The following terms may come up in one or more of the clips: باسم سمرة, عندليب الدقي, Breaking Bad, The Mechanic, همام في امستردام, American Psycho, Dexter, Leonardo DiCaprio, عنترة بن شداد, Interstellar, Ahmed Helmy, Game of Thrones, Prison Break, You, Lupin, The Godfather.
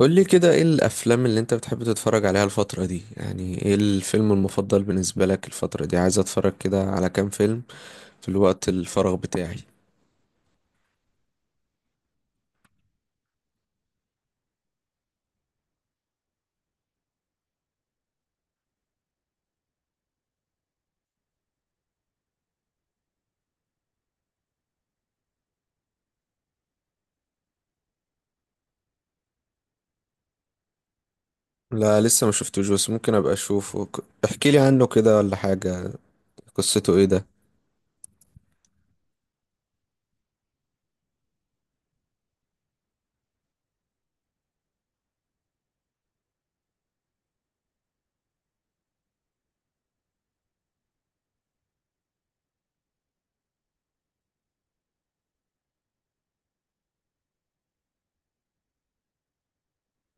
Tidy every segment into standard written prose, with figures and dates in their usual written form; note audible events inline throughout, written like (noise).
قولي كده، ايه الافلام اللي انت بتحب تتفرج عليها الفترة دي؟ يعني ايه الفيلم المفضل بالنسبة لك الفترة دي؟ عايز اتفرج كده على كام فيلم في الوقت الفراغ بتاعي. لا لسه ما شفتوش بس ممكن ابقى اشوفه. احكي لي عنه كده ولا حاجة. قصته ايه ده؟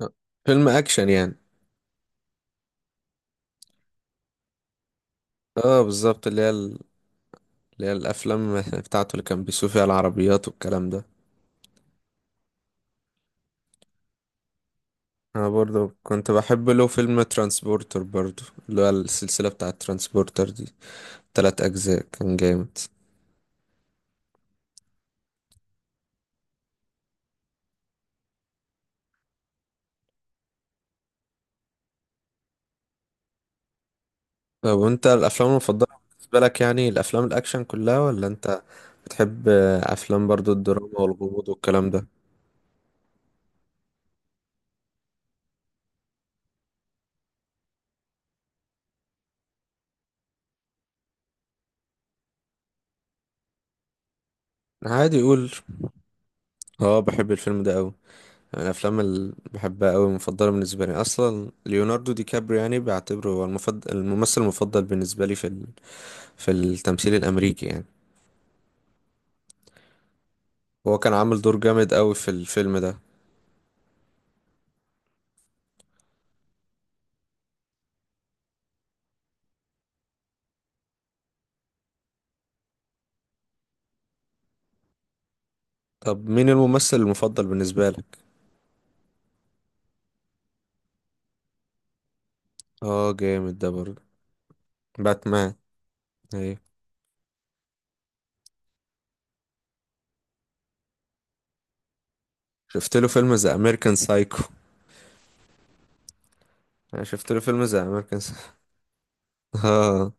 أه، فيلم اكشن يعني؟ اه بالظبط، اللي هي الافلام (laughs) بتاعته اللي كان بيسوق فيها العربيات والكلام ده. انا برضو كنت بحب له فيلم ترانسبورتر برضو، اللي هو السلسلة بتاعة ترانسبورتر دي. تلات اجزاء كان جامد. طب وانت الافلام المفضله بالنسبه لك يعني الافلام الاكشن كلها، ولا انت بتحب افلام برضو الدراما والغموض والكلام ده؟ عادي يقول. اه بحب الفيلم ده قوي. يعني الافلام اللي بحبها قوي مفضله بالنسبه لي اصلا ليوناردو دي كابريو، يعني بعتبره هو المفضل، الممثل المفضل بالنسبه لي في في التمثيل الامريكي يعني. هو كان عامل دور جامد قوي في الفيلم ده. طب مين الممثل المفضل بالنسبه لك؟ اه جامد ده برضو. باتمان، ايوه. شفت له فيلم ذا امريكان سايكو. انا شفت له فيلم زي امريكان (laughs) اه.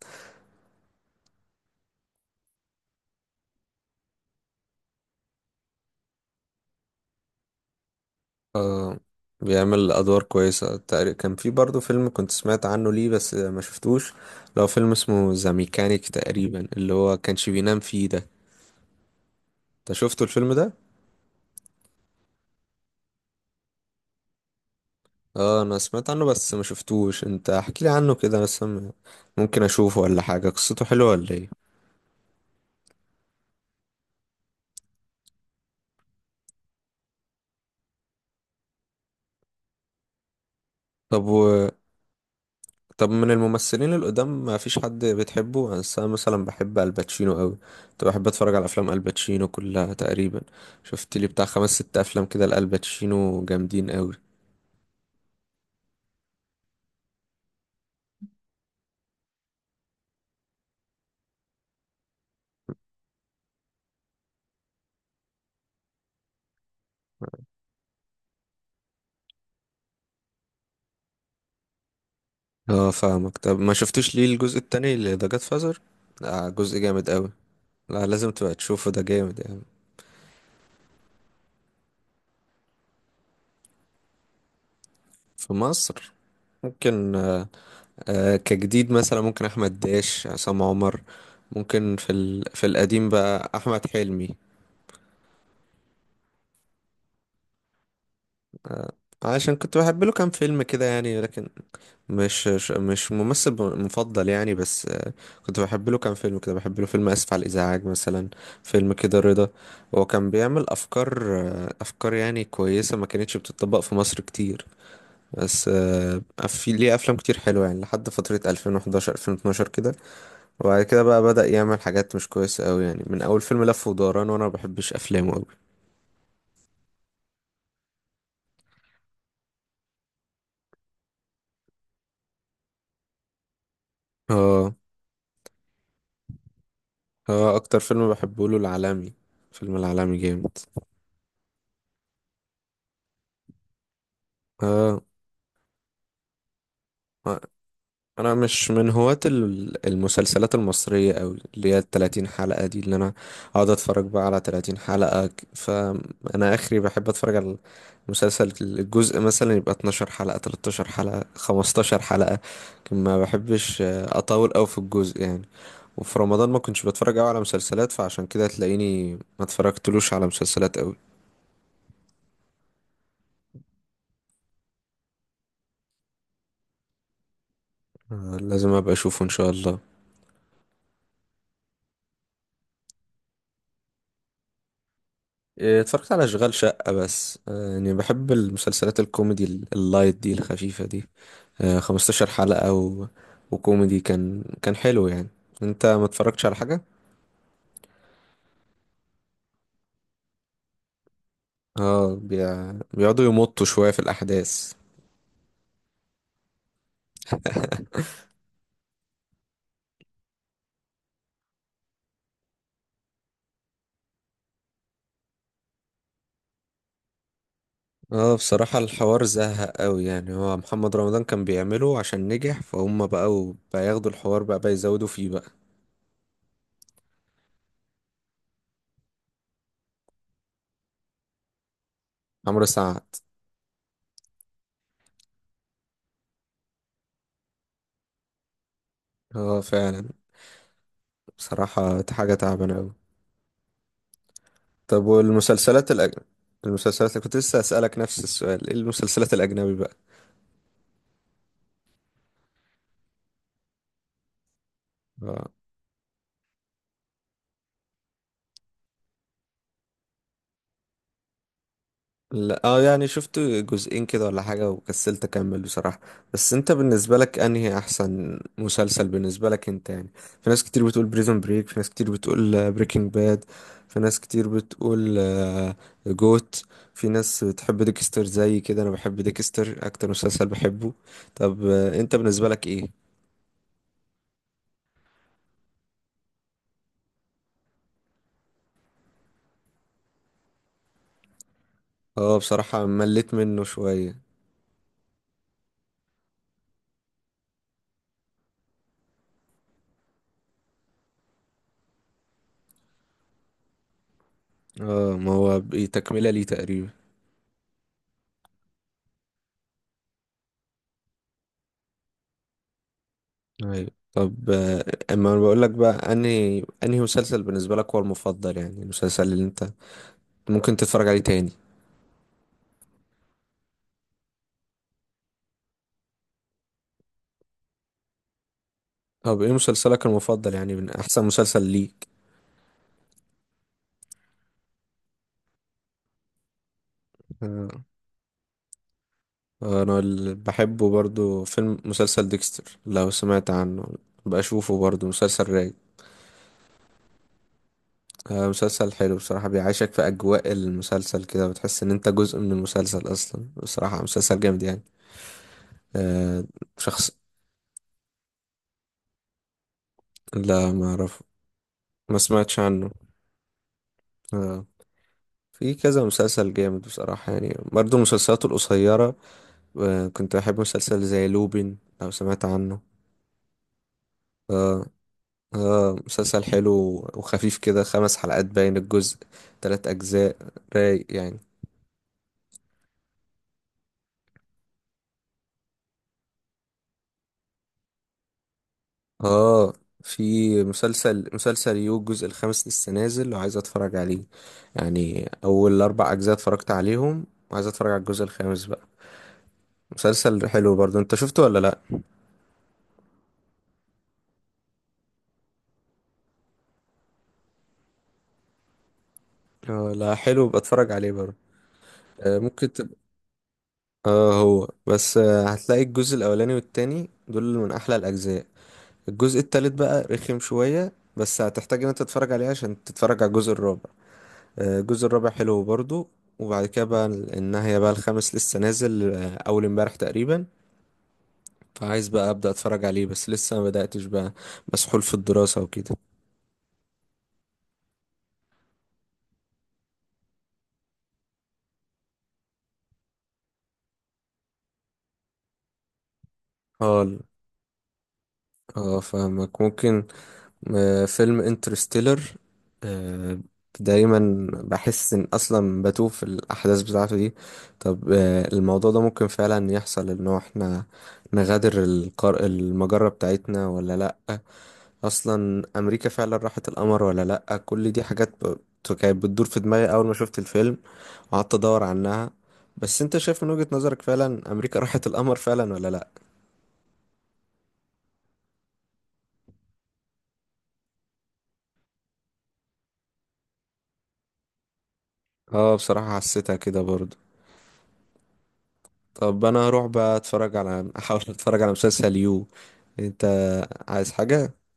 اه بيعمل ادوار كويسه. تقريبا كان في برضه فيلم كنت سمعت عنه ليه بس ما شفتوش، لو فيلم اسمه ذا ميكانيك تقريبا، اللي هو كانش بينام فيه ده. انت شفته الفيلم ده؟ اه انا سمعت عنه بس ما شفتوش. انت احكي لي عنه كده بس، أنا ممكن اشوفه ولا حاجه. قصته حلوه ولا ايه؟ طب طب من الممثلين القدام ما فيش حد بتحبه؟ بس انا مثلا بحب الباتشينو قوي. كنت بحب اتفرج على افلام الباتشينو كلها تقريبا. شفت لي بتاع خمس ست افلام كده لالباتشينو جامدين قوي. اه فاهمك. طب ما شفتش ليه الجزء التاني اللي ده جاد فازر؟ آه جزء جامد قوي. لا لازم تبقى تشوفه، ده جامد يعني. في مصر؟ ممكن آه. آه كجديد مثلا ممكن احمد داش، عصام عمر. ممكن في في القديم بقى احمد حلمي. آه عشان كنت بحب له كام فيلم كده يعني، لكن مش ممثل مفضل يعني. بس كنت بحب له كام فيلم كده. بحب له فيلم اسف على الازعاج مثلا، فيلم كده رضا. هو كان بيعمل افكار، افكار يعني كويسه ما كانتش بتطبق في مصر كتير. بس في ليه افلام كتير حلوه يعني لحد فتره 2011 2012 كده. وبعد كده بقى بدأ يعمل حاجات مش كويسه قوي، يعني من اول فيلم لف ودوران، وانا ما بحبش افلامه قوي. اه. اه اكتر فيلم بحبه له العالمي. فيلم العالمي جامد. اه انا مش من هواة المسلسلات المصرية أوي اللي هي التلاتين حلقة دي، اللي انا اقعد اتفرج بقى على تلاتين حلقة. فانا اخري بحب اتفرج على مسلسل الجزء، مثلا يبقى 12 حلقة، 13 حلقة، 15 حلقة. لكن ما بحبش اطول أوي في الجزء يعني. وفي رمضان ما كنتش بتفرج أوي على مسلسلات، فعشان كده تلاقيني ما اتفرجتلوش على مسلسلات أوي. لازم ابقى اشوفه ان شاء الله. إيه، اتفرجت على اشغال شقة بس. يعني بحب المسلسلات الكوميدي اللايت دي الخفيفة دي. 15 حلقة وكوميدي، كان حلو يعني. انت ما اتفرجتش على حاجة؟ اه بيقعدوا يمطوا شوية في الاحداث. اه بصراحة الحوار زهق قوي يعني. هو محمد رمضان كان بيعمله عشان نجح، فهم بقوا بقى ياخدوا الحوار بقى يزودوا فيه بقى. عمرو سعد. اه فعلا، بصراحة حاجة تعبانة قوي. طب والمسلسلات الأجنبي؟ المسلسلات كنت لسه أسألك نفس السؤال، ايه المسلسلات الأجنبي بقى؟ اه لا. اه يعني شفت جزئين كده ولا حاجة وكسلت أكمل بصراحة. بس انت بالنسبة لك انهي احسن مسلسل بالنسبة لك انت يعني؟ في ناس كتير بتقول بريزون بريك، في ناس كتير بتقول بريكنج باد، في ناس كتير بتقول جوت. في ناس بتحب ديكستر. زي كده، انا بحب ديكستر اكتر مسلسل بحبه. طب انت بالنسبة لك ايه؟ اه بصراحة مليت منه شوية. اه ما هو تكملة ليه تقريبا. ايوه طب، اما انا بقول لك بقى انهي مسلسل بالنسبة لك هو المفضل، يعني المسلسل اللي انت ممكن تتفرج عليه تاني. طب ايه مسلسلك المفضل يعني، من احسن مسلسل ليك؟ آه، انا اللي بحبه برضو فيلم مسلسل ديكستر لو سمعت عنه. بشوفه برضو مسلسل رايق. مسلسل حلو بصراحة، بيعيشك في أجواء المسلسل كده، بتحس إن أنت جزء من المسلسل أصلا. بصراحة مسلسل جامد يعني. آه، شخص. لا ما أعرف. ما سمعتش عنه. آه. في كذا مسلسل جامد بصراحة يعني، برضه مسلسلاته القصيرة. آه. كنت أحب مسلسل زي لوبين لو سمعت عنه. آه. مسلسل حلو وخفيف كده. خمس حلقات باين الجزء، تلات أجزاء. رايق يعني. اه في مسلسل يو الجزء الخامس لسه نازل وعايز اتفرج عليه، يعني اول اربع اجزاء اتفرجت عليهم وعايز اتفرج على الجزء الخامس بقى. مسلسل حلو برضو. انت شفته ولا لا؟ لا حلو، بتفرج عليه برضو؟ ممكن. اه هو بس هتلاقي الجزء الاولاني والتاني دول من احلى الاجزاء. الجزء التالت بقى رخم شوية، بس هتحتاج ان انت تتفرج عليه عشان تتفرج على الجزء الرابع. الجزء الرابع حلو برضو. وبعد كده بقى النهاية بقى، الخامس لسه نازل اول امبارح تقريبا. فعايز بقى ابدا اتفرج عليه بس لسه ما بداتش بقى. مسحول في الدراسة وكده. اه اه فاهمك. ممكن فيلم انترستيلر. آه، دايما بحس ان اصلا بتوه في الاحداث بتاعته دي. طب الموضوع ده ممكن فعلا يحصل ان هو احنا نغادر المجرة بتاعتنا ولا لا؟ اصلا امريكا فعلا راحت القمر ولا لا؟ كل دي حاجات كانت بتدور في دماغي اول ما شفت الفيلم وقعدت ادور عنها. بس انت شايف من وجهة نظرك فعلا امريكا راحت القمر فعلا ولا لا؟ اه بصراحة حسيتها كده برضه. طب انا هروح بقى اتفرج على، احاول اتفرج على مسلسل يو. انت عايز حاجة؟